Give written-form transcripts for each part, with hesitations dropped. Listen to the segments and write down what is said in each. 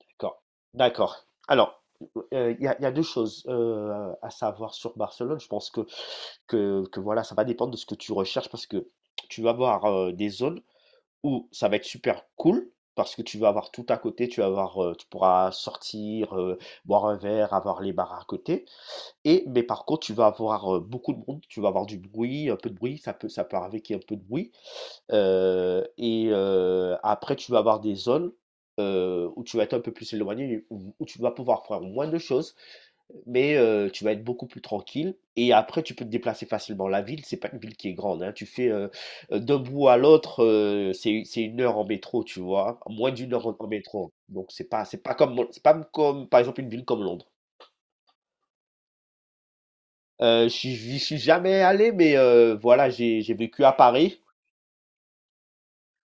D'accord, d'accord. Alors, il y a 2 choses, à savoir sur Barcelone. Je pense que voilà, ça va dépendre de ce que tu recherches parce que tu vas avoir, des zones où ça va être super cool parce que tu vas avoir tout à côté, tu vas avoir, tu pourras sortir, boire un verre, avoir les bars à côté et mais par contre, tu vas avoir, beaucoup de monde, tu vas avoir du bruit, un peu de bruit, ça peut arriver qu'il y ait un peu de bruit. Après tu vas avoir des zones, où tu vas être un peu plus éloigné, où tu vas pouvoir faire moins de choses, mais tu vas être beaucoup plus tranquille et après tu peux te déplacer facilement. La ville, c'est pas une ville qui est grande, hein. Tu fais, d'un bout à l'autre, c'est une heure en métro, tu vois? Moins d'une heure en métro, donc c'est pas comme, par exemple, une ville comme Londres. Je suis J'y suis jamais allé mais voilà, j'ai vécu à Paris.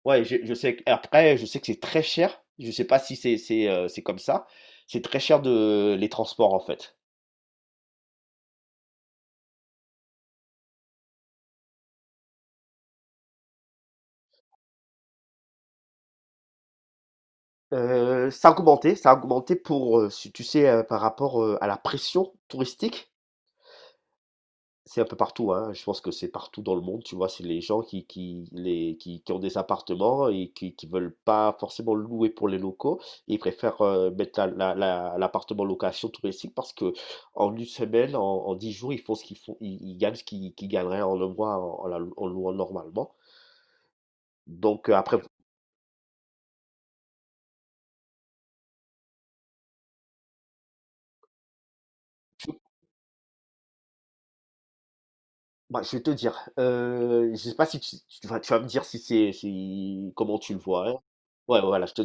Ouais, je sais. Après, je sais que c'est très cher. Je sais pas si c'est comme ça. C'est très cher de les transports en fait. Ça a augmenté pour, si tu sais, par rapport à la pression touristique. C'est un peu partout, hein. Je pense que c'est partout dans le monde, tu vois. C'est les gens qui ont des appartements et qui veulent pas forcément louer pour les locaux. Ils préfèrent mettre l'appartement en location touristique parce que en une semaine, en 10 jours, ils font ce qu'ils font, ils gagnent ce qu'ils gagneraient en un mois, en louant normalement. Donc après, bah, je vais te dire, je sais pas si tu vas me dire si c'est, si, comment tu le vois, hein. Ouais, voilà, je te,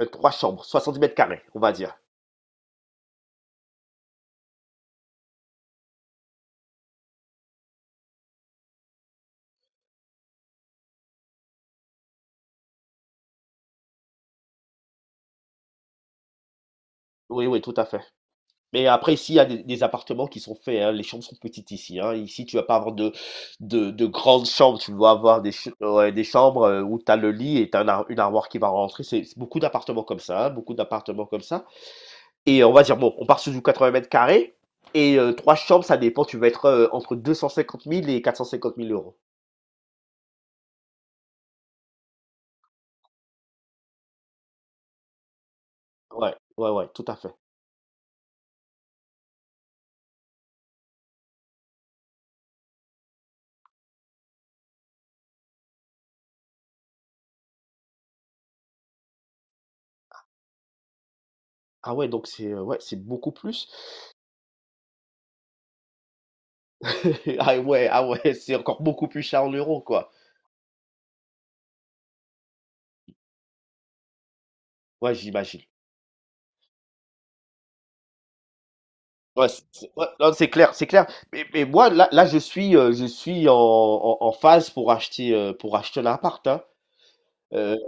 trois chambres, 70 mètres carrés, on va dire. Oui, oui, tout à fait. Mais après, ici, il y a des appartements qui sont faits, hein. Les chambres sont petites ici, hein. Ici, tu vas pas avoir de grandes chambres. Tu dois avoir ouais, des chambres, où tu as le lit et tu as une armoire qui va rentrer. C'est beaucoup d'appartements comme ça, hein. Beaucoup d'appartements comme ça. Et on va dire, bon, on part sur du 80 mètres carrés. Et trois chambres, ça dépend. Tu vas être entre 250 000 et 450 000 euros. Ouais, ouais, ouais, tout à fait. Ah ouais, donc c'est ouais, c'est beaucoup plus. Ah ouais, ah ouais, c'est encore beaucoup plus cher en euros, quoi. Ouais, j'imagine. Ouais, ouais, non, c'est clair, c'est clair. Mais moi, là, je suis en phase pour acheter, un appart, hein. Heu,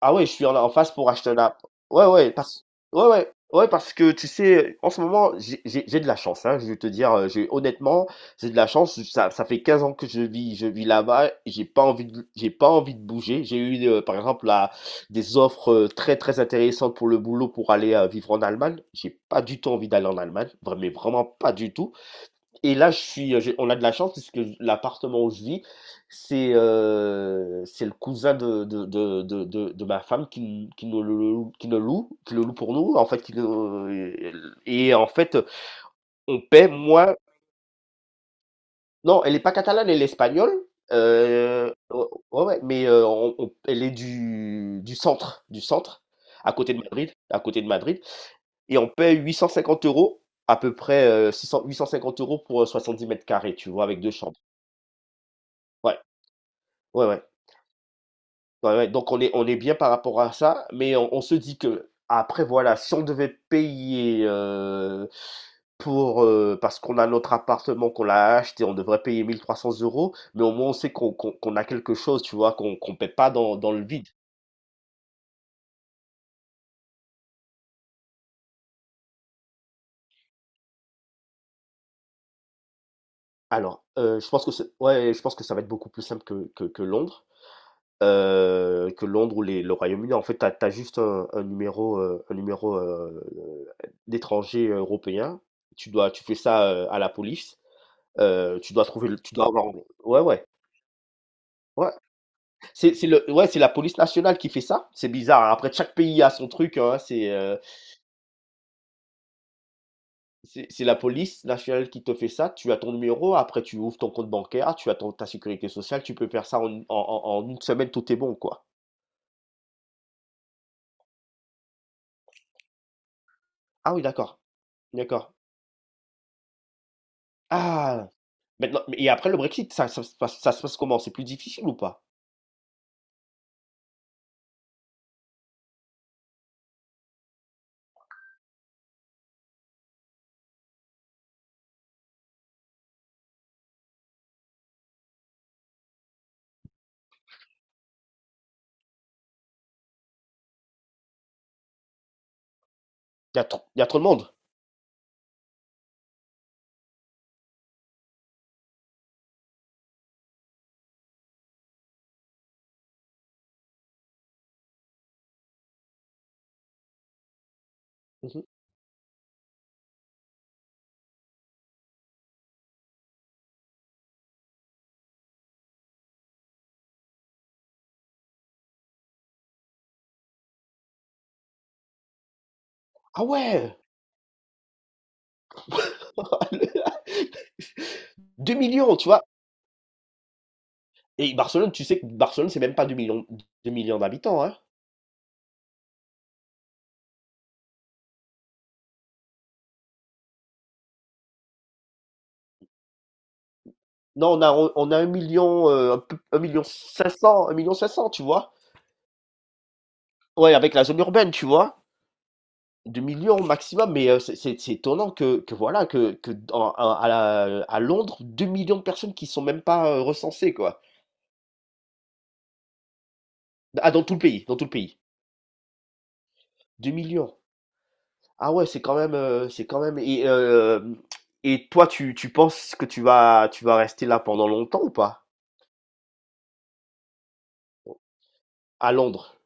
ah ouais, je suis en phase pour acheter un app. Ouais, ouais, parce ouais, ouais, ouais, parce que tu sais, en ce moment, j'ai de la chance, hein, je vais te dire, j'ai honnêtement, j'ai de la chance, ça fait 15 ans que je vis là-bas et j'ai pas envie de bouger. J'ai eu, par exemple, là, des offres, très, très intéressantes pour le boulot pour aller, vivre en Allemagne. J'ai pas du tout envie d'aller en Allemagne, vra mais vraiment pas du tout. Et là, on a de la chance puisque l'appartement où je vis, c'est le cousin de ma femme, qui nous le loue, qui nous loue, qui le loue pour nous, en fait, qui nous, et en fait, on paie, moi, non, elle est pas catalane, elle est espagnole, ouais, ouais, ouais, mais elle est du centre, à côté de Madrid, à côté de Madrid, et on paie 850 euros, à peu près 600, 850 € pour 10 mètres carrés, tu vois, avec 2 chambres. Ouais. Ouais, ouais. Ouais, ouais. Donc on est bien par rapport à ça, mais on se dit que après voilà, si on devait payer, pour, parce qu'on a notre appartement, qu'on l'a acheté, on devrait payer 1 300 € mais au moins on sait qu'on a quelque chose, tu vois? Qu'on paie pas dans le vide. Alors, je pense que c'est ouais, je pense que ça va être beaucoup plus simple que Londres, que Londres ou les le Royaume-Uni. En fait, tu as juste un numéro, un numéro, d'étranger européen. Tu fais ça, à la police. Tu dois avoir. Ouais, ouais, ouais. C'est le Ouais, c'est la police nationale qui fait ça. C'est bizarre, hein. Après chaque pays a son truc, hein. C'est la police nationale qui te fait ça. Tu as ton numéro, après tu ouvres ton compte bancaire, tu as ton ta sécurité sociale, tu peux faire ça en une en en en 1 semaine, tout est bon, quoi. Ah oui, d'accord, d'accord. Ah! Maintenant et après le Brexit, ça se passe comment? C'est plus difficile ou pas? Il y a trop de monde? Mmh. Ah ouais! Deux millions, tu vois? Et Barcelone, tu sais que Barcelone, c'est même pas 2 millions, 2 millions d'habitants, hein. Non, on a un million, un million 500, 1 million 500, tu vois. Ouais, avec la zone urbaine, tu vois. Deux millions au maximum, mais c'est étonnant que voilà, que dans- à la- à Londres, 2 millions de personnes qui sont même pas recensées, quoi. Ah, dans tout le pays, dans tout le pays. Deux millions. Ah ouais, c'est quand même. Et toi, tu penses que tu vas rester là pendant longtemps ou pas? À Londres.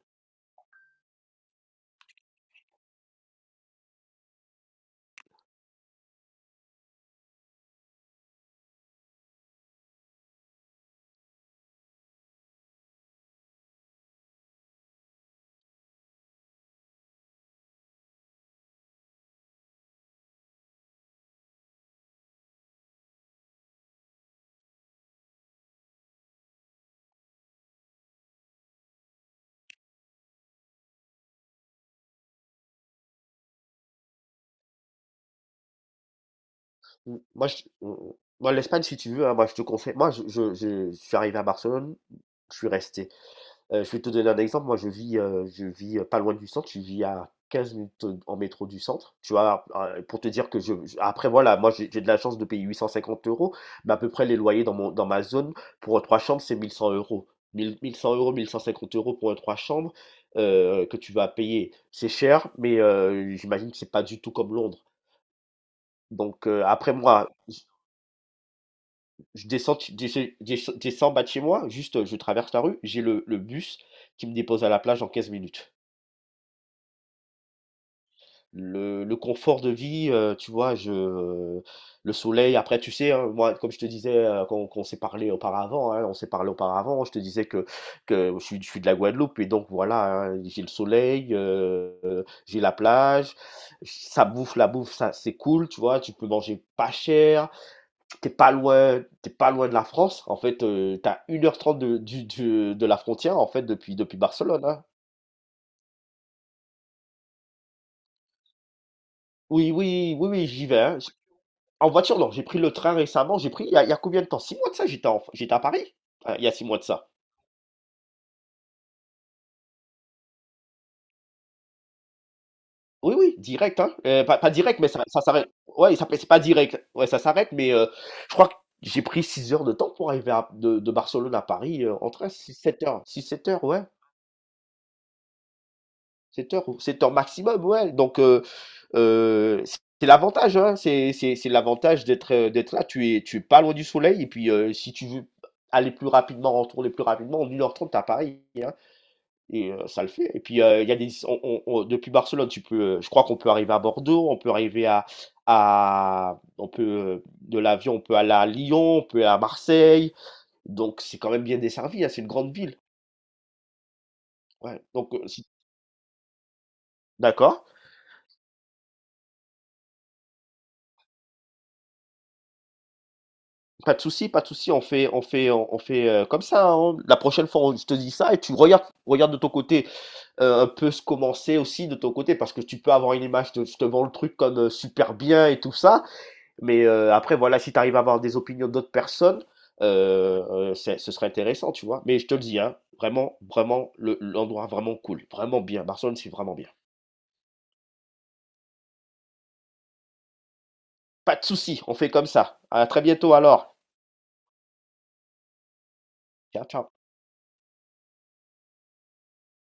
Mm. Moi, l'Espagne, si tu veux, hein, moi, je te conseille. Moi, je suis arrivé à Barcelone, je suis resté. Je vais te donner un exemple. Moi, je vis pas loin du centre. Je vis à 15 minutes en métro du centre. Tu vois, pour te dire que je. Je- Après, voilà, moi, j'ai de la chance de payer 850 euros, mais à peu près les loyers dans ma zone pour trois chambres, c'est 1100 euros. 1 000, 1100 euros, 1 150 € pour trois chambres, que tu vas payer. C'est cher, mais j'imagine que c'est pas du tout comme Londres. Donc après moi, je descends bas de chez moi, juste je traverse la rue, j'ai le bus qui me dépose à la plage en 15 minutes. Le confort de vie, tu vois, le soleil, après, tu sais, hein, moi, comme je te disais, quand on s'est parlé auparavant, hein, on s'est parlé auparavant, je te disais je suis de la Guadeloupe et donc voilà, hein, j'ai le soleil, j'ai la plage, ça bouffe, la bouffe, ça c'est cool, tu vois, tu peux manger pas cher, t'es pas loin de la France. En fait, t'as 1 h 30 de la frontière, en fait, depuis Barcelone, hein. Oui, oui, oui, oui, j'y vais, hein. En voiture, non, j'ai pris le train récemment. J'ai pris, il y a combien de temps? 6 mois de ça, j'étais à Paris. Ah, il y a 6 mois de ça. Oui, oui, direct, hein. Pas direct, mais ça s'arrête. Ouais, ça, c'est pas direct. Ouais, ça s'arrête, mais je crois que j'ai pris 6 heures de temps pour de Barcelone à Paris en train. Six sept heures. Six sept heures, ouais. 7 heures, 7 heures maximum, ouais. Donc, c'est l'avantage, hein, c'est l'avantage d'être d'être là. Tu es pas loin du soleil. Et puis, si tu veux aller plus rapidement, retourner plus rapidement, en 1 h 30, t'as Paris, hein, et ça le fait. Et puis, il y a des, on- depuis Barcelone, je crois qu'on peut arriver à Bordeaux, on peut arriver de l'avion, on peut aller à Lyon, on peut aller à Marseille. Donc, c'est quand même bien desservi, hein, c'est une grande ville. Ouais. Donc, d'accord. Pas de souci, pas de souci, on fait comme ça, hein. La prochaine fois, je te dis ça et regarde de ton côté, un peu ce commencer aussi de ton côté parce que tu peux avoir une image de je te vends le truc comme super bien et tout ça. Mais après, voilà, si tu arrives à avoir des opinions d'autres personnes, ce serait intéressant, tu vois. Mais je te le dis, hein, vraiment, vraiment, l'endroit vraiment cool, vraiment bien. Barcelone, c'est vraiment bien. Pas de souci, on fait comme ça. À très bientôt alors. Ciao, ciao.